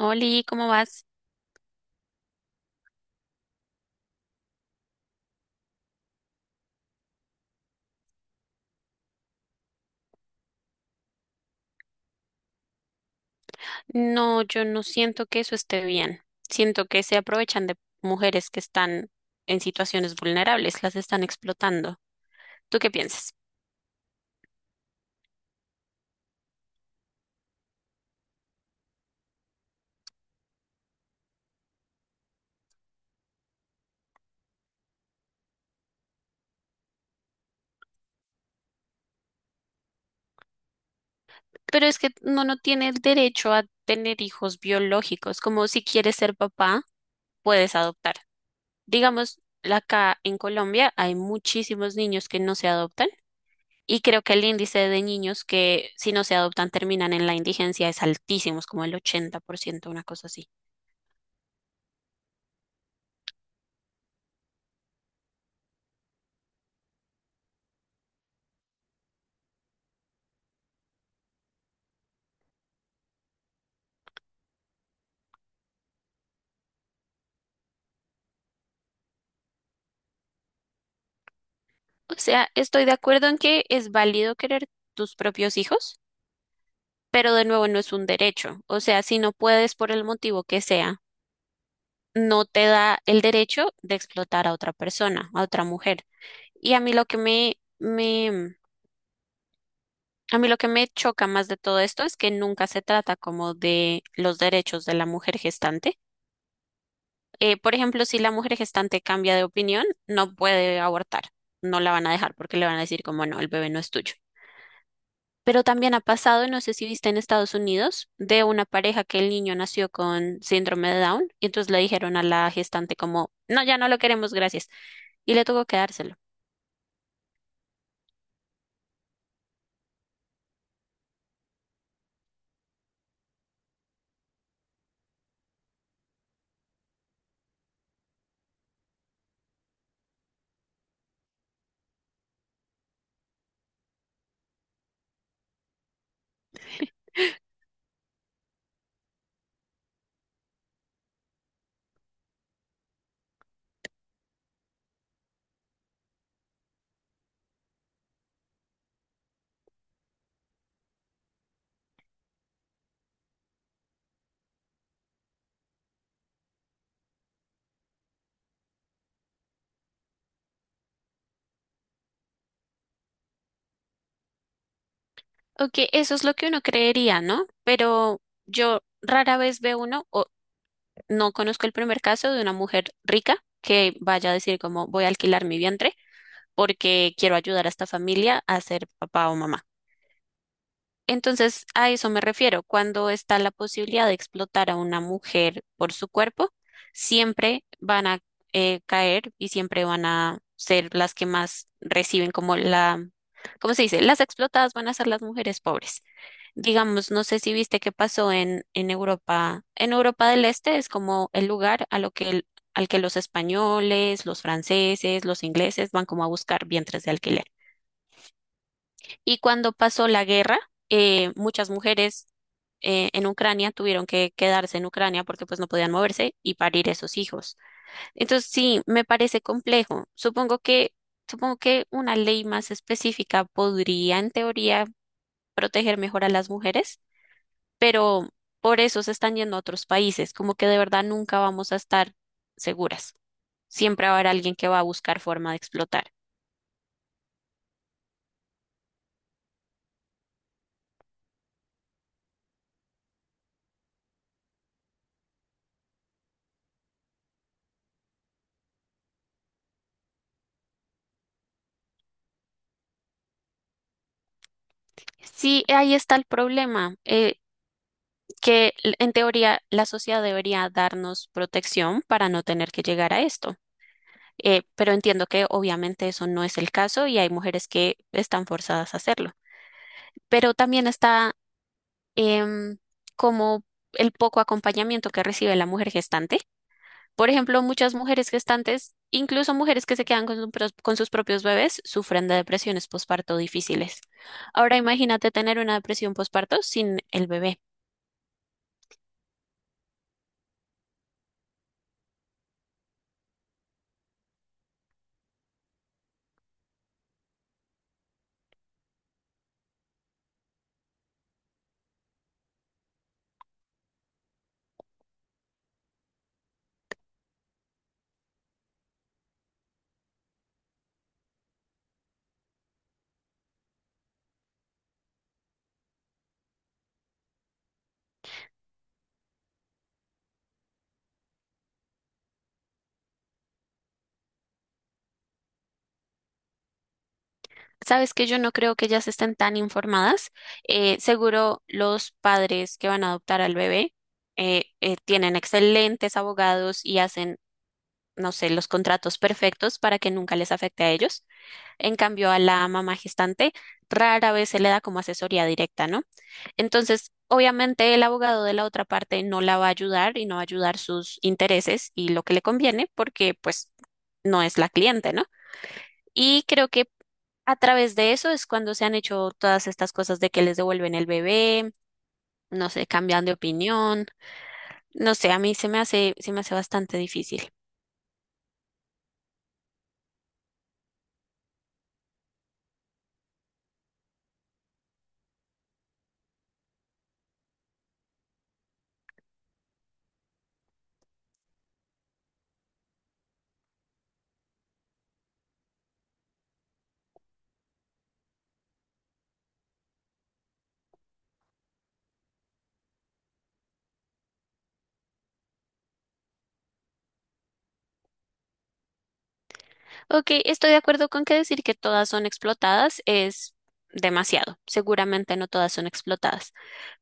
Oli, ¿cómo vas? No, yo no siento que eso esté bien. Siento que se aprovechan de mujeres que están en situaciones vulnerables, las están explotando. ¿Tú qué piensas? Pero es que uno no tiene el derecho a tener hijos biológicos, como si quieres ser papá, puedes adoptar. Digamos, la acá en Colombia hay muchísimos niños que no se adoptan. Y creo que el índice de niños que si no se adoptan terminan en la indigencia es altísimo, es como el 80%, una cosa así. O sea, estoy de acuerdo en que es válido querer tus propios hijos, pero de nuevo no es un derecho. O sea, si no puedes por el motivo que sea, no te da el derecho de explotar a otra persona, a otra mujer. Y a mí lo que a mí lo que me choca más de todo esto es que nunca se trata como de los derechos de la mujer gestante. Por ejemplo, si la mujer gestante cambia de opinión, no puede abortar. No la van a dejar porque le van a decir como no, el bebé no es tuyo. Pero también ha pasado, no sé si viste en Estados Unidos, de una pareja que el niño nació con síndrome de Down y entonces le dijeron a la gestante como, no, ya no lo queremos, gracias. Y le tuvo que dárselo. Ok, eso es lo que uno creería, ¿no? Pero yo rara vez veo uno, o no conozco el primer caso de una mujer rica que vaya a decir como voy a alquilar mi vientre porque quiero ayudar a esta familia a ser papá o mamá. Entonces, a eso me refiero. Cuando está la posibilidad de explotar a una mujer por su cuerpo, siempre van a caer, y siempre van a ser las que más reciben como la, ¿cómo se dice? Las explotadas van a ser las mujeres pobres. Digamos, no sé si viste qué pasó en Europa. En Europa del Este es como el lugar a lo que al que los españoles, los franceses, los ingleses van como a buscar vientres de alquiler. Y cuando pasó la guerra, muchas mujeres en Ucrania tuvieron que quedarse en Ucrania porque pues no podían moverse y parir esos hijos. Entonces sí, me parece complejo. Supongo que una ley más específica podría en teoría proteger mejor a las mujeres, pero por eso se están yendo a otros países, como que de verdad nunca vamos a estar seguras. Siempre va a haber alguien que va a buscar forma de explotar. Sí, ahí está el problema. En teoría la sociedad debería darnos protección para no tener que llegar a esto. Pero entiendo que obviamente eso no es el caso y hay mujeres que están forzadas a hacerlo. Pero también está em, como el poco acompañamiento que recibe la mujer gestante. Por ejemplo, muchas mujeres gestantes, incluso mujeres que se quedan con, con sus propios bebés, sufren de depresiones posparto difíciles. Ahora imagínate tener una depresión posparto sin el bebé. Sabes que yo no creo que ellas estén tan informadas. Seguro los padres que van a adoptar al bebé tienen excelentes abogados y hacen, no sé, los contratos perfectos para que nunca les afecte a ellos. En cambio, a la mamá gestante rara vez se le da como asesoría directa, ¿no? Entonces, obviamente el abogado de la otra parte no la va a ayudar y no va a ayudar sus intereses y lo que le conviene porque pues no es la cliente, ¿no? Y creo que a través de eso es cuando se han hecho todas estas cosas de que les devuelven el bebé, no sé, cambian de opinión. No sé, a mí se me hace bastante difícil. Ok, estoy de acuerdo con que decir que todas son explotadas es demasiado. Seguramente no todas son explotadas,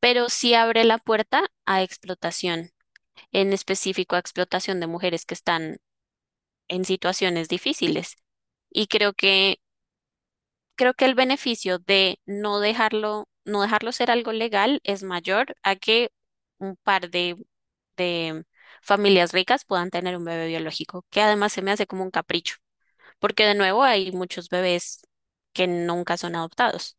pero sí abre la puerta a explotación, en específico a explotación de mujeres que están en situaciones difíciles. Y creo que creo que el beneficio de no dejarlo ser algo legal es mayor a que un par de familias ricas puedan tener un bebé biológico, que además se me hace como un capricho, porque de nuevo hay muchos bebés que nunca son adoptados.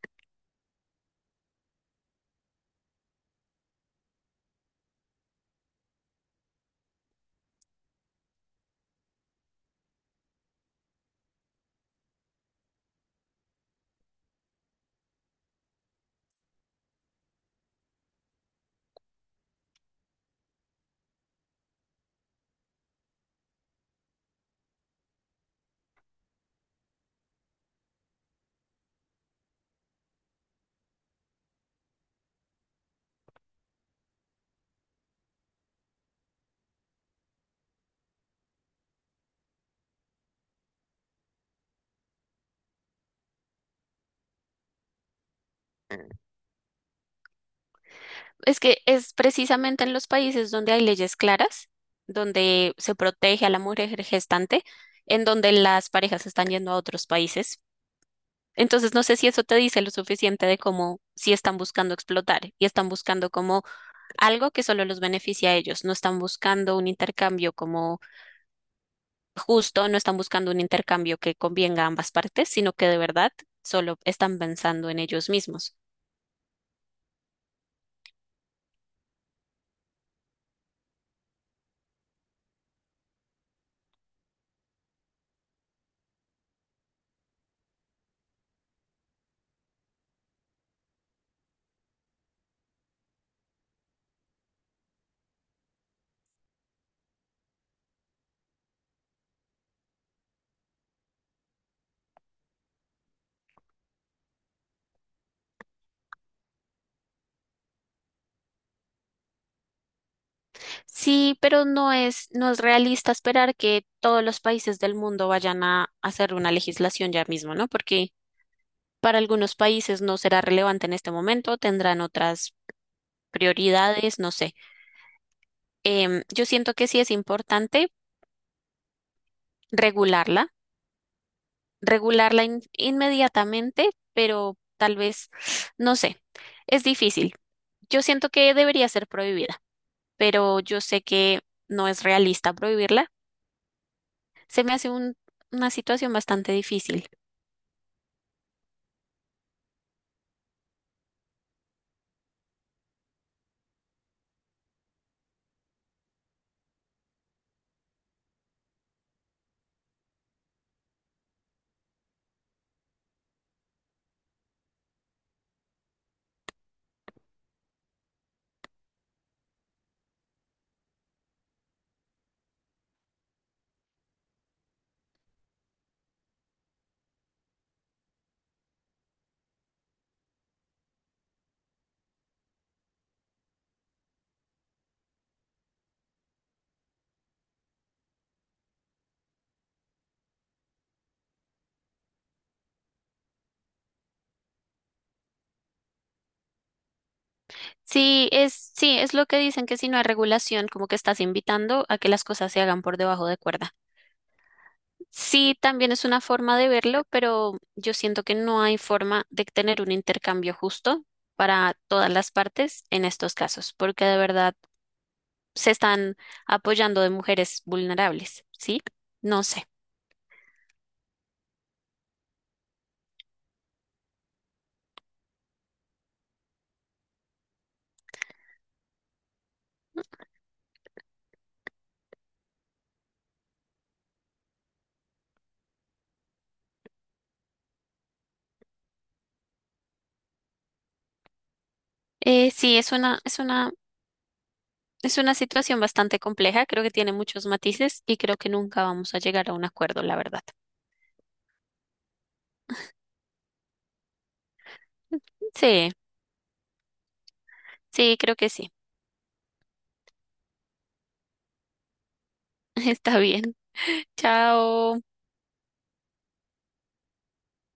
Es que es precisamente en los países donde hay leyes claras, donde se protege a la mujer gestante, en donde las parejas están yendo a otros países. Entonces, no sé si eso te dice lo suficiente de cómo si están buscando explotar y están buscando como algo que solo los beneficia a ellos, no están buscando un intercambio como justo, no están buscando un intercambio que convenga a ambas partes, sino que de verdad solo están pensando en ellos mismos. Sí, pero no es realista esperar que todos los países del mundo vayan a hacer una legislación ya mismo, ¿no? Porque para algunos países no será relevante en este momento, tendrán otras prioridades, no sé. Yo siento que sí es importante regularla, regularla inmediatamente, pero tal vez, no sé, es difícil. Yo siento que debería ser prohibida, pero yo sé que no es realista prohibirla. Se me hace una situación bastante difícil. Sí, es lo que dicen que si no hay regulación, como que estás invitando a que las cosas se hagan por debajo de cuerda. Sí, también es una forma de verlo, pero yo siento que no hay forma de tener un intercambio justo para todas las partes en estos casos, porque de verdad se están apoyando de mujeres vulnerables, ¿sí? No sé. Eh, sí, es una, es una, es una situación bastante compleja, creo que tiene muchos matices y creo que nunca vamos a llegar a un acuerdo, la verdad. Sí, sí, creo que sí. Está bien. Chao.